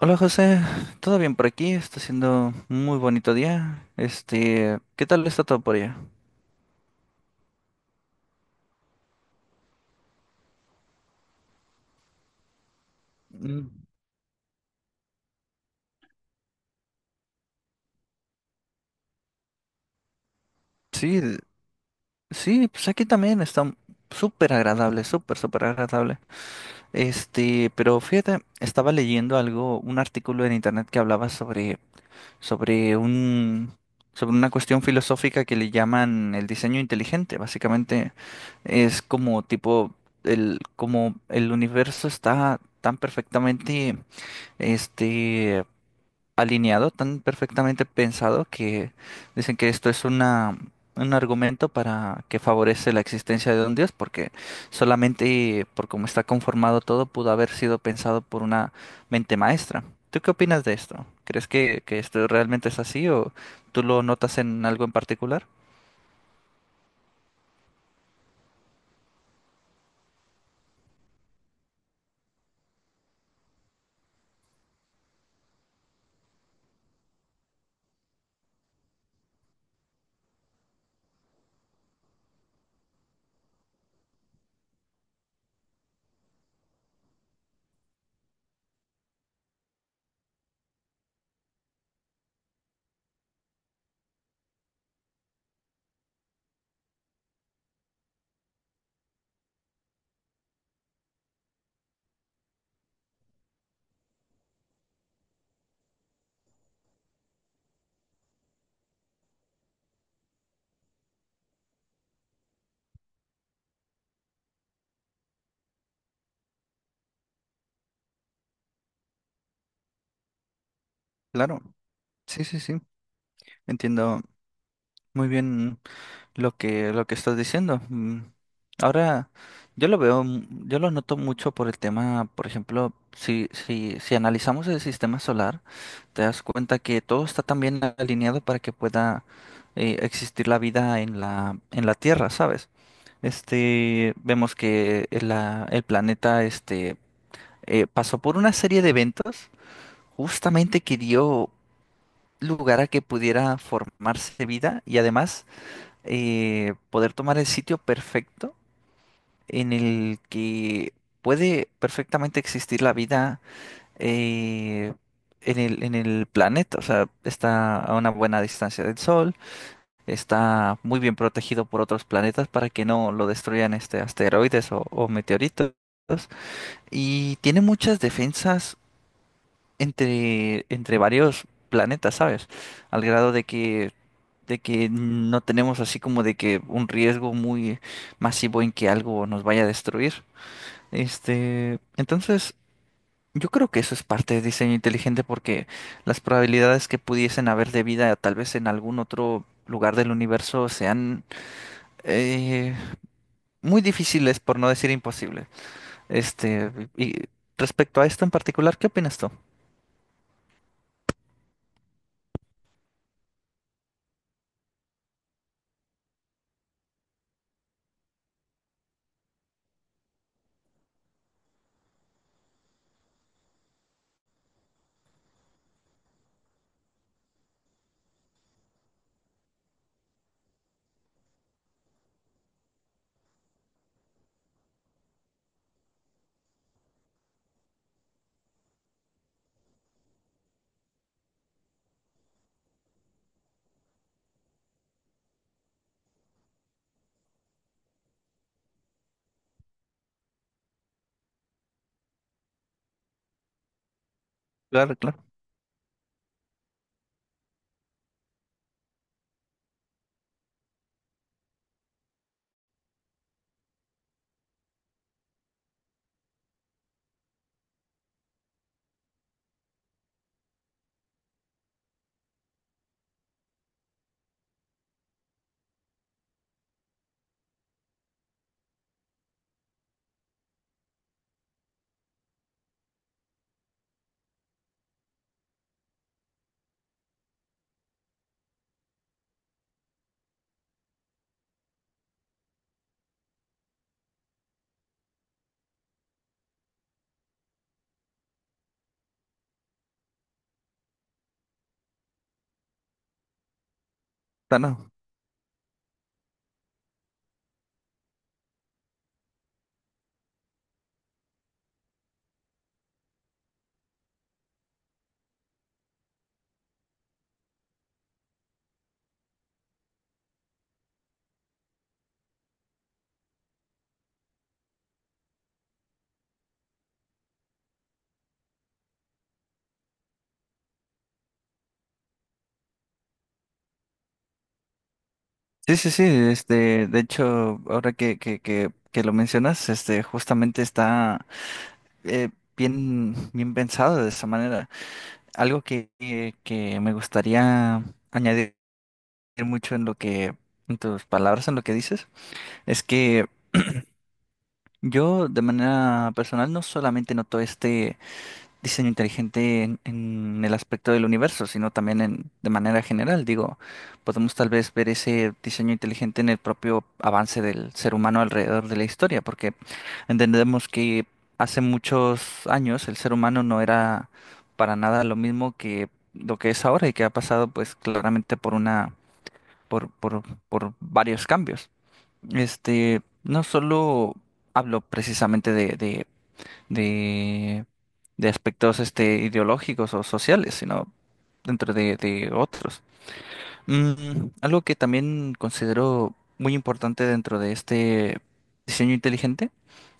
Hola José, ¿todo bien por aquí? Está siendo un muy bonito día. Este, ¿qué tal está todo por allá? Mm, sí, sí, pues aquí también está súper agradable, súper, súper agradable. Este, pero fíjate, estaba leyendo algo, un artículo en internet que hablaba sobre un, sobre una cuestión filosófica que le llaman el diseño inteligente. Básicamente es como tipo como el universo está tan perfectamente este, alineado, tan perfectamente pensado que dicen que esto es un argumento para que favorece la existencia de un Dios, porque solamente por cómo está conformado todo pudo haber sido pensado por una mente maestra. ¿Tú qué opinas de esto? ¿Crees que esto realmente es así o tú lo notas en algo en particular? Claro, sí, sí, sí. Entiendo muy bien lo lo que estás diciendo. Mm, ahora, yo lo veo, yo lo noto mucho por el tema, por ejemplo, si analizamos el sistema solar, te das cuenta que todo está tan bien alineado para que pueda existir la vida en la Tierra, ¿sabes? Este, vemos que el planeta, este, pasó por una serie de eventos justamente que dio lugar a que pudiera formarse vida y además poder tomar el sitio perfecto en el que puede perfectamente existir la vida eh, en en el planeta. O sea, está a una buena distancia del Sol, está muy bien protegido por otros planetas para que no lo destruyan este asteroides o meteoritos. Y tiene muchas defensas entre varios planetas, ¿sabes? Al grado de que no tenemos así como de que un riesgo muy masivo en que algo nos vaya a destruir. Este, entonces, yo creo que eso es parte de diseño inteligente porque las probabilidades que pudiesen haber de vida tal vez en algún otro lugar del universo sean eh, muy difíciles, por no decir imposible. Este, y respecto a esto en particular, ¿qué opinas tú? Claro, claro. Ah, no. Sí, sí, sí, este, de hecho, ahora que lo mencionas, este, justamente está eh, bien, bien pensado de esa manera. Algo que me gustaría añadir mucho en en tus palabras, en lo que dices, es que yo de manera personal no solamente noto este diseño inteligente en el aspecto del universo, sino también en, de manera general. Digo, podemos tal vez ver ese diseño inteligente en el propio avance del ser humano alrededor de la historia, porque entendemos que hace muchos años el ser humano no era para nada lo mismo que lo que es ahora y que ha pasado pues claramente por una, por, por, por varios cambios. Este, no solo hablo precisamente de, de aspectos este, ideológicos o sociales, sino dentro de otros. Mm, algo que también considero muy importante dentro de este diseño inteligente,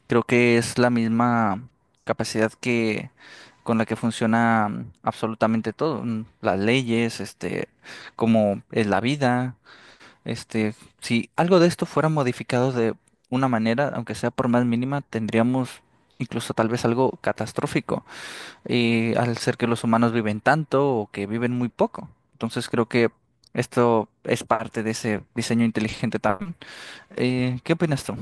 creo que es la misma capacidad que con la que funciona mm, absolutamente todo, mm, las leyes, este, como es la vida, este, si algo de esto fuera modificado de una manera, aunque sea por más mínima, tendríamos incluso tal vez algo catastrófico, y al ser que los humanos viven tanto o que viven muy poco. Entonces creo que esto es parte de ese diseño inteligente también. ¿Qué opinas tú?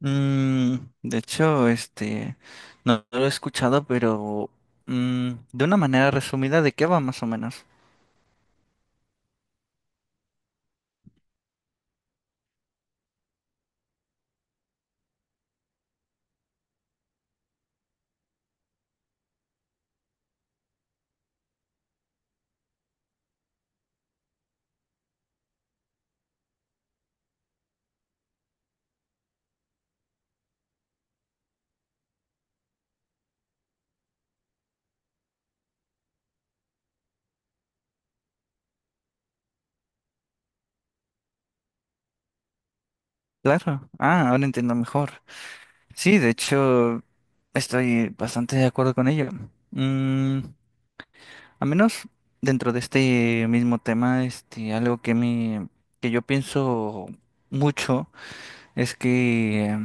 Mm, de hecho, este, no, no lo he escuchado, pero mm, de una manera resumida, ¿de qué va más o menos? Claro. Ah, ahora entiendo mejor. Sí, de hecho, estoy bastante de acuerdo con ello. Mm, a menos dentro de este mismo tema, este, algo que yo pienso mucho es que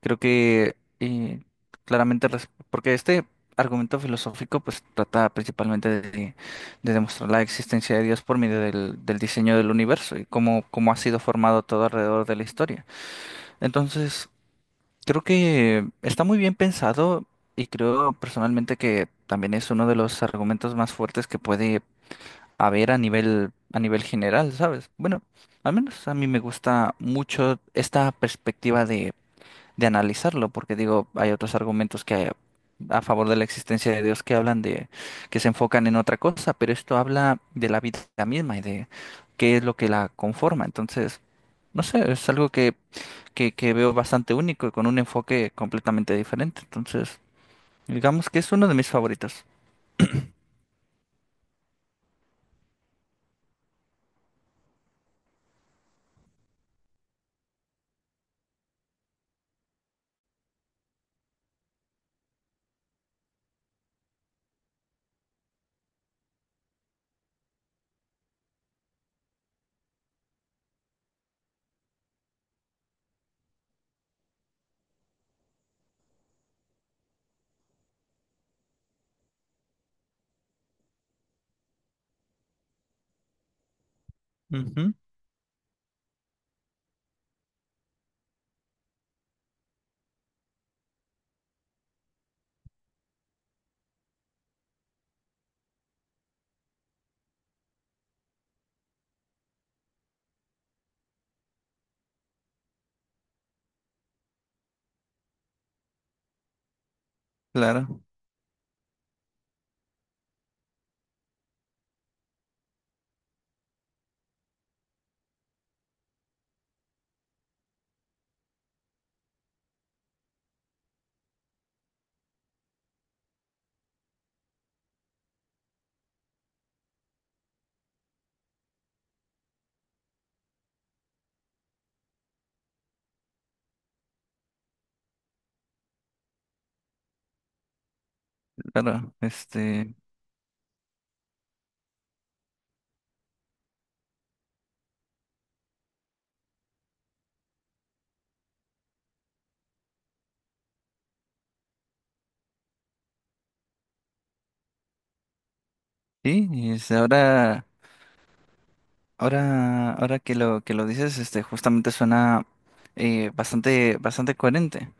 creo que claramente, porque este argumento filosófico pues trata principalmente de demostrar la existencia de Dios por medio del diseño del universo y cómo, cómo ha sido formado todo alrededor de la historia. Entonces, creo que está muy bien pensado y creo personalmente que también es uno de los argumentos más fuertes que puede haber a nivel general, ¿sabes? Bueno, al menos a mí me gusta mucho esta perspectiva de analizarlo, porque digo, hay otros argumentos que a favor de la existencia de Dios que hablan de que se enfocan en otra cosa, pero esto habla de la vida misma y de qué es lo que la conforma. Entonces, no sé, es algo que veo bastante único y con un enfoque completamente diferente. Entonces, digamos que es uno de mis favoritos. Ujú, claro, claro. Este, sí, y este, ahora, ahora que lo dices, este, justamente suena bastante, bastante coherente.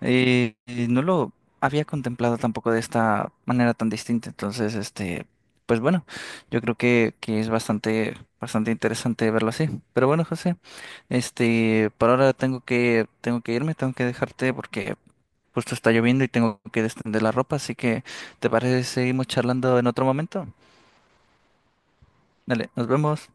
No lo había contemplado tampoco de esta manera tan distinta. Entonces, este, pues bueno, yo creo que es bastante, bastante interesante verlo así. Pero bueno, José, este, por ahora tengo que irme, tengo que dejarte porque justo está lloviendo y tengo que extender la ropa. Así que, ¿te parece si seguimos charlando en otro momento? Dale, nos vemos.